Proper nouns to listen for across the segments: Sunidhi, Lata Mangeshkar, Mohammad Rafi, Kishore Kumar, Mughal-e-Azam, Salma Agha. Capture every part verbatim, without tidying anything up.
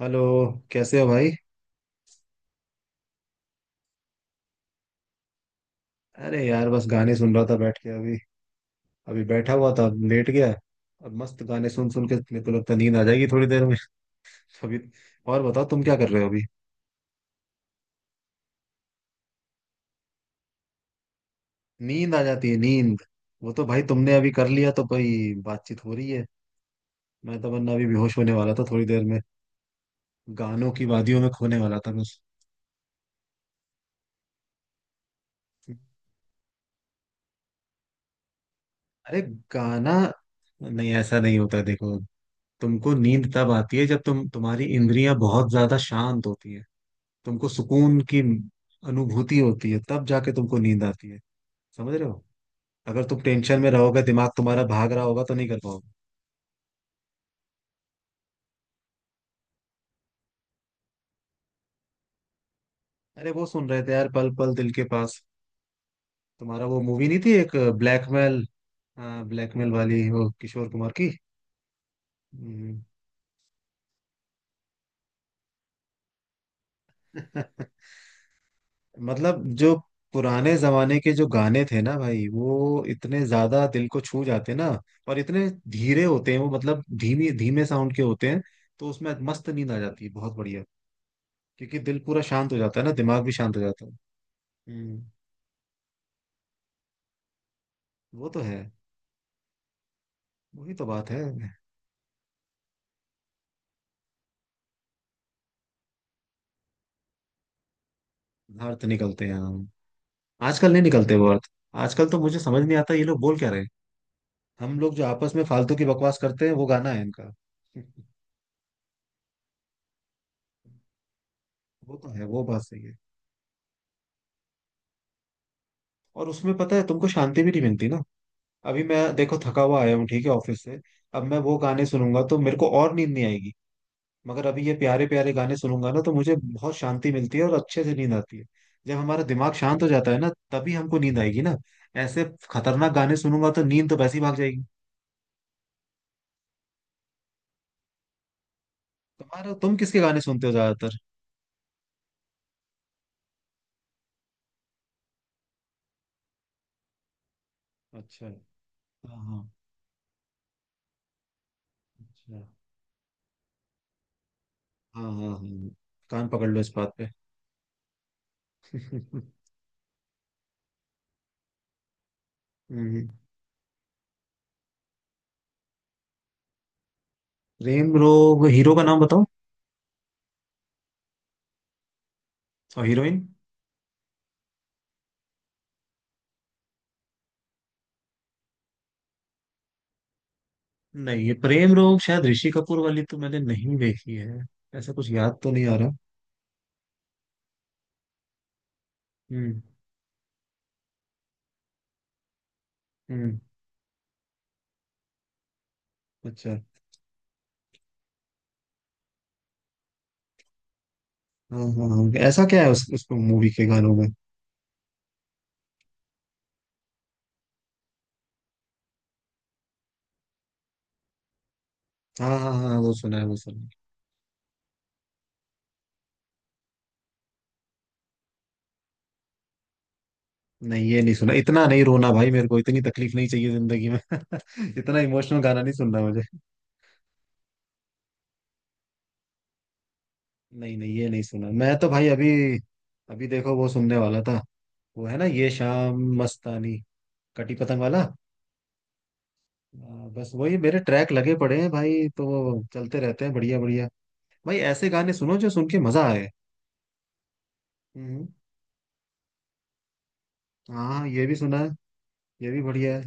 Hello. कैसे हो भाई? अरे यार, बस गाने सुन रहा था बैठ के। अभी अभी बैठा हुआ था, लेट गया। अब मस्त गाने सुन सुन के मेरे को लगता है नींद आ जाएगी थोड़ी देर में। अभी। और बताओ, तुम क्या कर रहे हो अभी? नींद आ जाती है, नींद। वो तो भाई तुमने अभी कर लिया तो भाई बातचीत हो रही है। मैं तो वरना अभी बेहोश होने वाला था थोड़ी देर में। गानों की वादियों में खोने वाला था बस। अरे, गाना नहीं, ऐसा नहीं होता, देखो। तुमको नींद तब आती है जब तुम तुम्हारी इंद्रियां बहुत ज्यादा शांत होती है। तुमको सुकून की अनुभूति होती है तब जाके तुमको नींद आती है। समझ रहे हो? अगर तुम टेंशन में रहोगे, दिमाग तुम्हारा भाग रहा होगा तो नहीं कर पाओगे। अरे वो सुन रहे थे यार, पल पल दिल के पास। तुम्हारा वो मूवी नहीं थी एक, ब्लैकमेल। हाँ, ब्लैकमेल वाली, वो किशोर कुमार की। हम्म। मतलब जो पुराने जमाने के जो गाने थे ना भाई, वो इतने ज्यादा दिल को छू जाते ना। और इतने धीरे होते हैं वो, मतलब धीमी धीमे साउंड के होते हैं। तो उसमें मस्त नींद आ जाती है, बहुत बढ़िया। क्योंकि दिल पूरा शांत हो जाता है ना, दिमाग भी शांत हो जाता है। हम्म। वो तो है। वही तो बात है। अर्थ निकलते हैं, हम। आजकल नहीं निकलते वो अर्थ। आजकल तो मुझे समझ नहीं आता ये लोग बोल क्या रहे हैं। हम लोग जो आपस में फालतू की बकवास करते हैं वो गाना है इनका। वो तो है, वो बात सही है। और उसमें पता है तुमको शांति भी नहीं मिलती ना। अभी मैं देखो थका हुआ आया हूँ, ठीक है, ऑफिस से। अब मैं वो गाने सुनूंगा तो मेरे को और नींद नहीं आएगी। मगर अभी ये प्यारे प्यारे गाने सुनूंगा ना, तो मुझे बहुत शांति मिलती है और अच्छे से नींद आती है। जब हमारा दिमाग शांत हो जाता है ना, तभी हमको नींद आएगी ना। ऐसे खतरनाक गाने सुनूंगा तो नींद तो वैसे ही भाग जाएगी। तुम्हारा तुम किसके गाने सुनते हो ज्यादातर? अच्छा। हाँ हाँ। अच्छा। हाँ हाँ हाँ। कान पकड़ लो इस बात पे। हम्म। प्रेम रोग? हीरो का नाम बताओ। और हीरोइन? नहीं, ये प्रेम रोग शायद ऋषि कपूर वाली तो मैंने नहीं देखी है। ऐसा कुछ याद तो नहीं आ रहा। हम्म हम्म। अच्छा। हाँ हाँ हाँ, ऐसा क्या है उस उस मूवी के गानों में? हाँ हाँ हाँ, वो सुना है, वो सुना है। नहीं, ये नहीं सुना। इतना नहीं रोना भाई, मेरे को इतनी तकलीफ नहीं चाहिए जिंदगी में। इतना इमोशनल गाना नहीं सुनना मुझे। नहीं नहीं, ये नहीं सुना मैं तो भाई। अभी अभी देखो वो सुनने वाला था। वो है ना ये शाम मस्तानी, कटी पतंग वाला। आ, बस वही मेरे ट्रैक लगे पड़े हैं भाई, तो वो चलते रहते हैं, बढ़िया बढ़िया। भाई ऐसे गाने सुनो जो सुन के मजा आए। हम्म। हाँ, ये भी सुना है, ये भी बढ़िया है।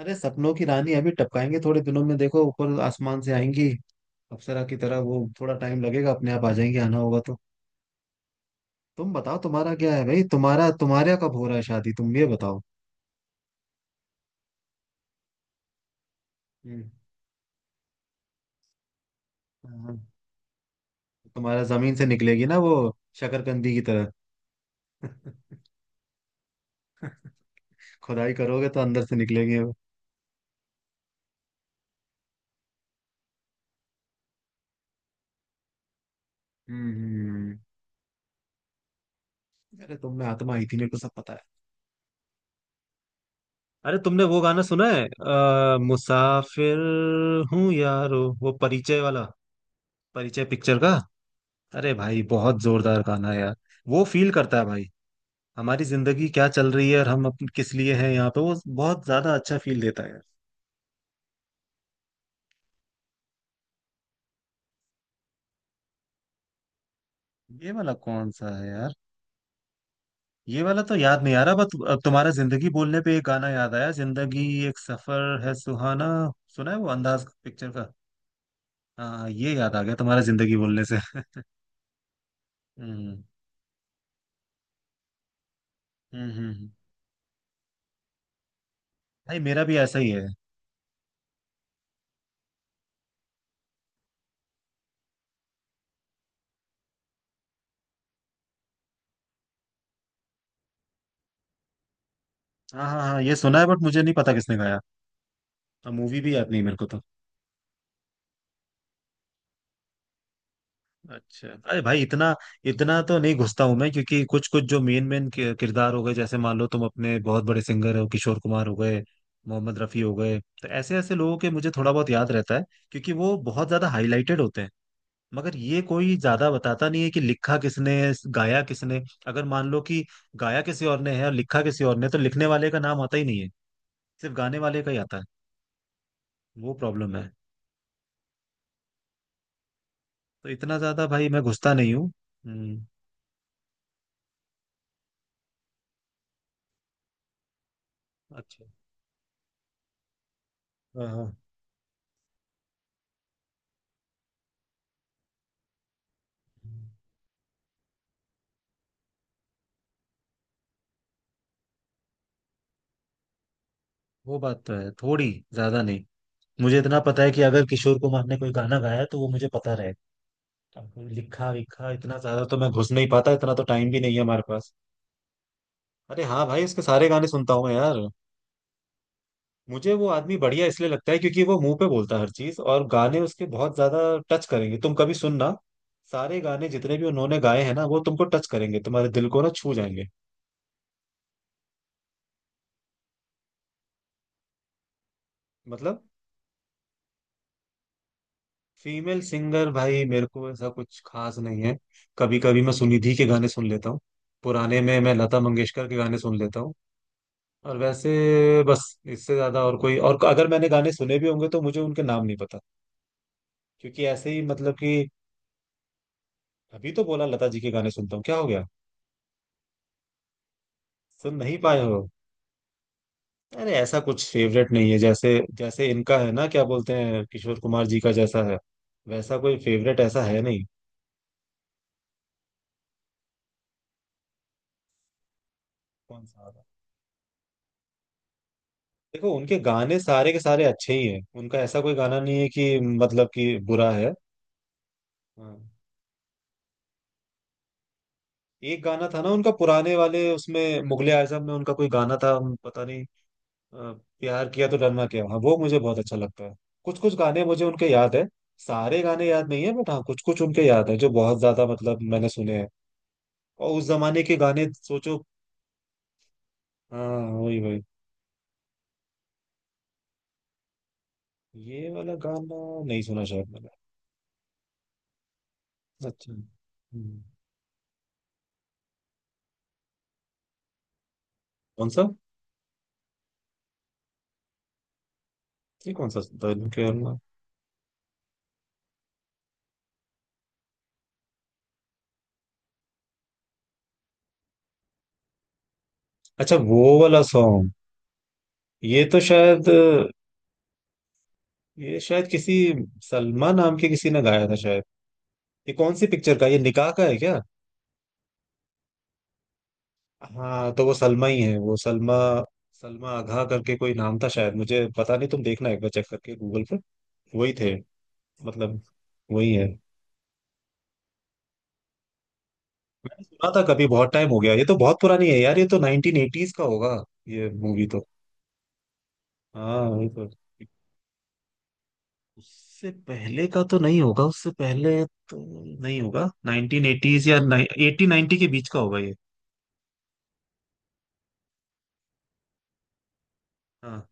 अरे, सपनों की रानी अभी टपकाएंगे थोड़े दिनों में, देखो ऊपर आसमान से आएंगी। अप्सरा की तरह, वो थोड़ा टाइम लगेगा, अपने आप आ जाएंगी, आना होगा तो। तुम बताओ तुम्हारा क्या है भाई, तुम्हारा तुम्हारे यहाँ कब हो रहा है शादी? तुम ये बताओ। हम्म। हाँ, तुम्हारा जमीन से निकलेगी ना वो, शकरकंदी की तरह। खुदाई करोगे तो अंदर से निकलेगी वो। हम्म हम्म, हम्म। अरे, तुम में आत्मा आई थी, मेरे को सब पता है। अरे तुमने वो गाना सुना है? आ, मुसाफिर हूँ यारो, वो परिचय वाला, परिचय पिक्चर का। अरे भाई बहुत जोरदार गाना है यार। वो फील करता है भाई, हमारी जिंदगी क्या चल रही है और हम अपन किस लिए हैं यहाँ पे, वो बहुत ज्यादा अच्छा फील देता है यार। ये वाला कौन सा है यार? ये वाला तो याद नहीं आ रहा, बट अब तुम्हारा जिंदगी बोलने पे एक गाना याद आया, जिंदगी एक सफर है सुहाना। सुना है, वो अंदाज पिक्चर का। हाँ ये याद आ गया तुम्हारा जिंदगी बोलने से। हम्म हम्म हम्म, हम्म। भाई मेरा भी ऐसा ही है। हाँ हाँ हाँ ये सुना है, बट मुझे नहीं पता किसने गाया। अब मूवी भी याद नहीं मेरे को तो। अच्छा। अरे भाई इतना, इतना तो नहीं घुसता हूं मैं, क्योंकि कुछ कुछ जो मेन मेन किरदार हो गए, जैसे मान लो तुम अपने बहुत बड़े सिंगर हो, किशोर कुमार हो गए, मोहम्मद रफी हो गए, तो ऐसे ऐसे लोगों के मुझे थोड़ा बहुत याद रहता है। क्योंकि वो बहुत ज्यादा हाईलाइटेड होते हैं। मगर ये कोई ज्यादा बताता नहीं है कि लिखा किसने, गाया किसने। अगर मान लो कि गाया किसी और ने है और लिखा किसी और ने, तो लिखने वाले का नाम आता ही नहीं है, सिर्फ गाने वाले का ही आता है। वो प्रॉब्लम है। तो इतना ज्यादा भाई मैं घुसता नहीं हूँ। हम्म। अच्छा। हाँ हाँ। वो बात तो है, थोड़ी ज्यादा नहीं। मुझे इतना पता है कि अगर किशोर कुमार ने कोई गाना गाया तो वो मुझे पता रहेगा। कोई लिखा विखा इतना ज्यादा तो मैं घुस नहीं पाता, इतना तो टाइम भी नहीं है हमारे पास। अरे हाँ भाई, उसके सारे गाने सुनता हूँ मैं यार। मुझे वो आदमी बढ़िया इसलिए लगता है क्योंकि वो मुंह पे बोलता है हर चीज, और गाने उसके बहुत ज्यादा टच करेंगे, तुम कभी सुनना। सारे गाने जितने भी उन्होंने गाए हैं ना, वो तुमको टच करेंगे, तुम्हारे दिल को ना छू जाएंगे। मतलब, फीमेल सिंगर भाई मेरे को ऐसा कुछ खास नहीं है। कभी कभी मैं सुनिधि के गाने सुन लेता हूँ। पुराने में मैं लता मंगेशकर के गाने सुन लेता हूँ। और वैसे बस। इससे ज्यादा और कोई, और अगर मैंने गाने सुने भी होंगे तो मुझे उनके नाम नहीं पता। क्योंकि ऐसे ही, मतलब कि, अभी तो बोला लता जी के गाने सुनता हूँ, क्या हो गया? सुन नहीं पाए हो? अरे ऐसा कुछ फेवरेट नहीं है, जैसे जैसे इनका है ना, क्या बोलते हैं, किशोर कुमार जी का जैसा है, वैसा कोई फेवरेट ऐसा है नहीं। कौन सा? देखो उनके गाने सारे के सारे अच्छे ही हैं, उनका ऐसा कोई गाना नहीं है कि मतलब कि बुरा है। हाँ। एक गाना था ना उनका पुराने वाले, उसमें मुगले आजम में उनका कोई गाना था, हम पता नहीं, अ, प्यार किया तो डरना क्या, हाँ वो मुझे बहुत अच्छा लगता है। कुछ कुछ गाने मुझे उनके याद है। सारे गाने याद नहीं है, बट हाँ कुछ कुछ उनके याद है जो बहुत ज्यादा मतलब मैंने सुने हैं। और उस जमाने के गाने, सोचो। हाँ वही वही। ये वाला गाना नहीं सुना शायद मैंने। अच्छा। हम्म। कौन सा? ये कौन सा था? अच्छा वो वाला सॉन्ग। ये तो शायद, ये शायद किसी सलमा नाम के किसी ने गाया था शायद। ये कौन सी पिक्चर का, ये निकाह का है क्या? हाँ तो वो सलमा ही है, वो सलमा। सलमा आघा करके कोई नाम था शायद, मुझे पता नहीं, तुम देखना एक बार चेक करके गूगल पर। वही थे। मतलब वही है। मैंने सुना था कभी, बहुत टाइम हो गया, ये तो बहुत पुरानी है यार, ये तो नाइनटीन एटीज का होगा ये मूवी तो। हाँ वही तो। उससे पहले का तो नहीं होगा, उससे पहले तो नहीं होगा, नाइनटीन एटीज या एटी नाइनटी के बीच का होगा ये। हाँ।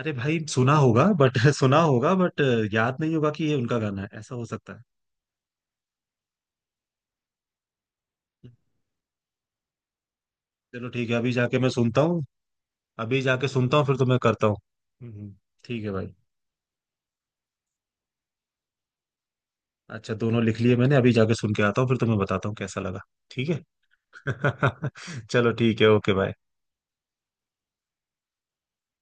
अरे भाई सुना होगा बट सुना होगा बट याद नहीं होगा कि ये उनका गाना है, ऐसा हो सकता है। चलो ठीक है, अभी जाके मैं सुनता हूँ। अभी जाके सुनता हूँ फिर तो मैं करता हूँ। हम्म, हम्म, ठीक है भाई। अच्छा दोनों लिख लिए मैंने, अभी जाके सुन के आता हूँ फिर तुम्हें बताता हूँ कैसा लगा। ठीक है। चलो ठीक है, ओके भाई।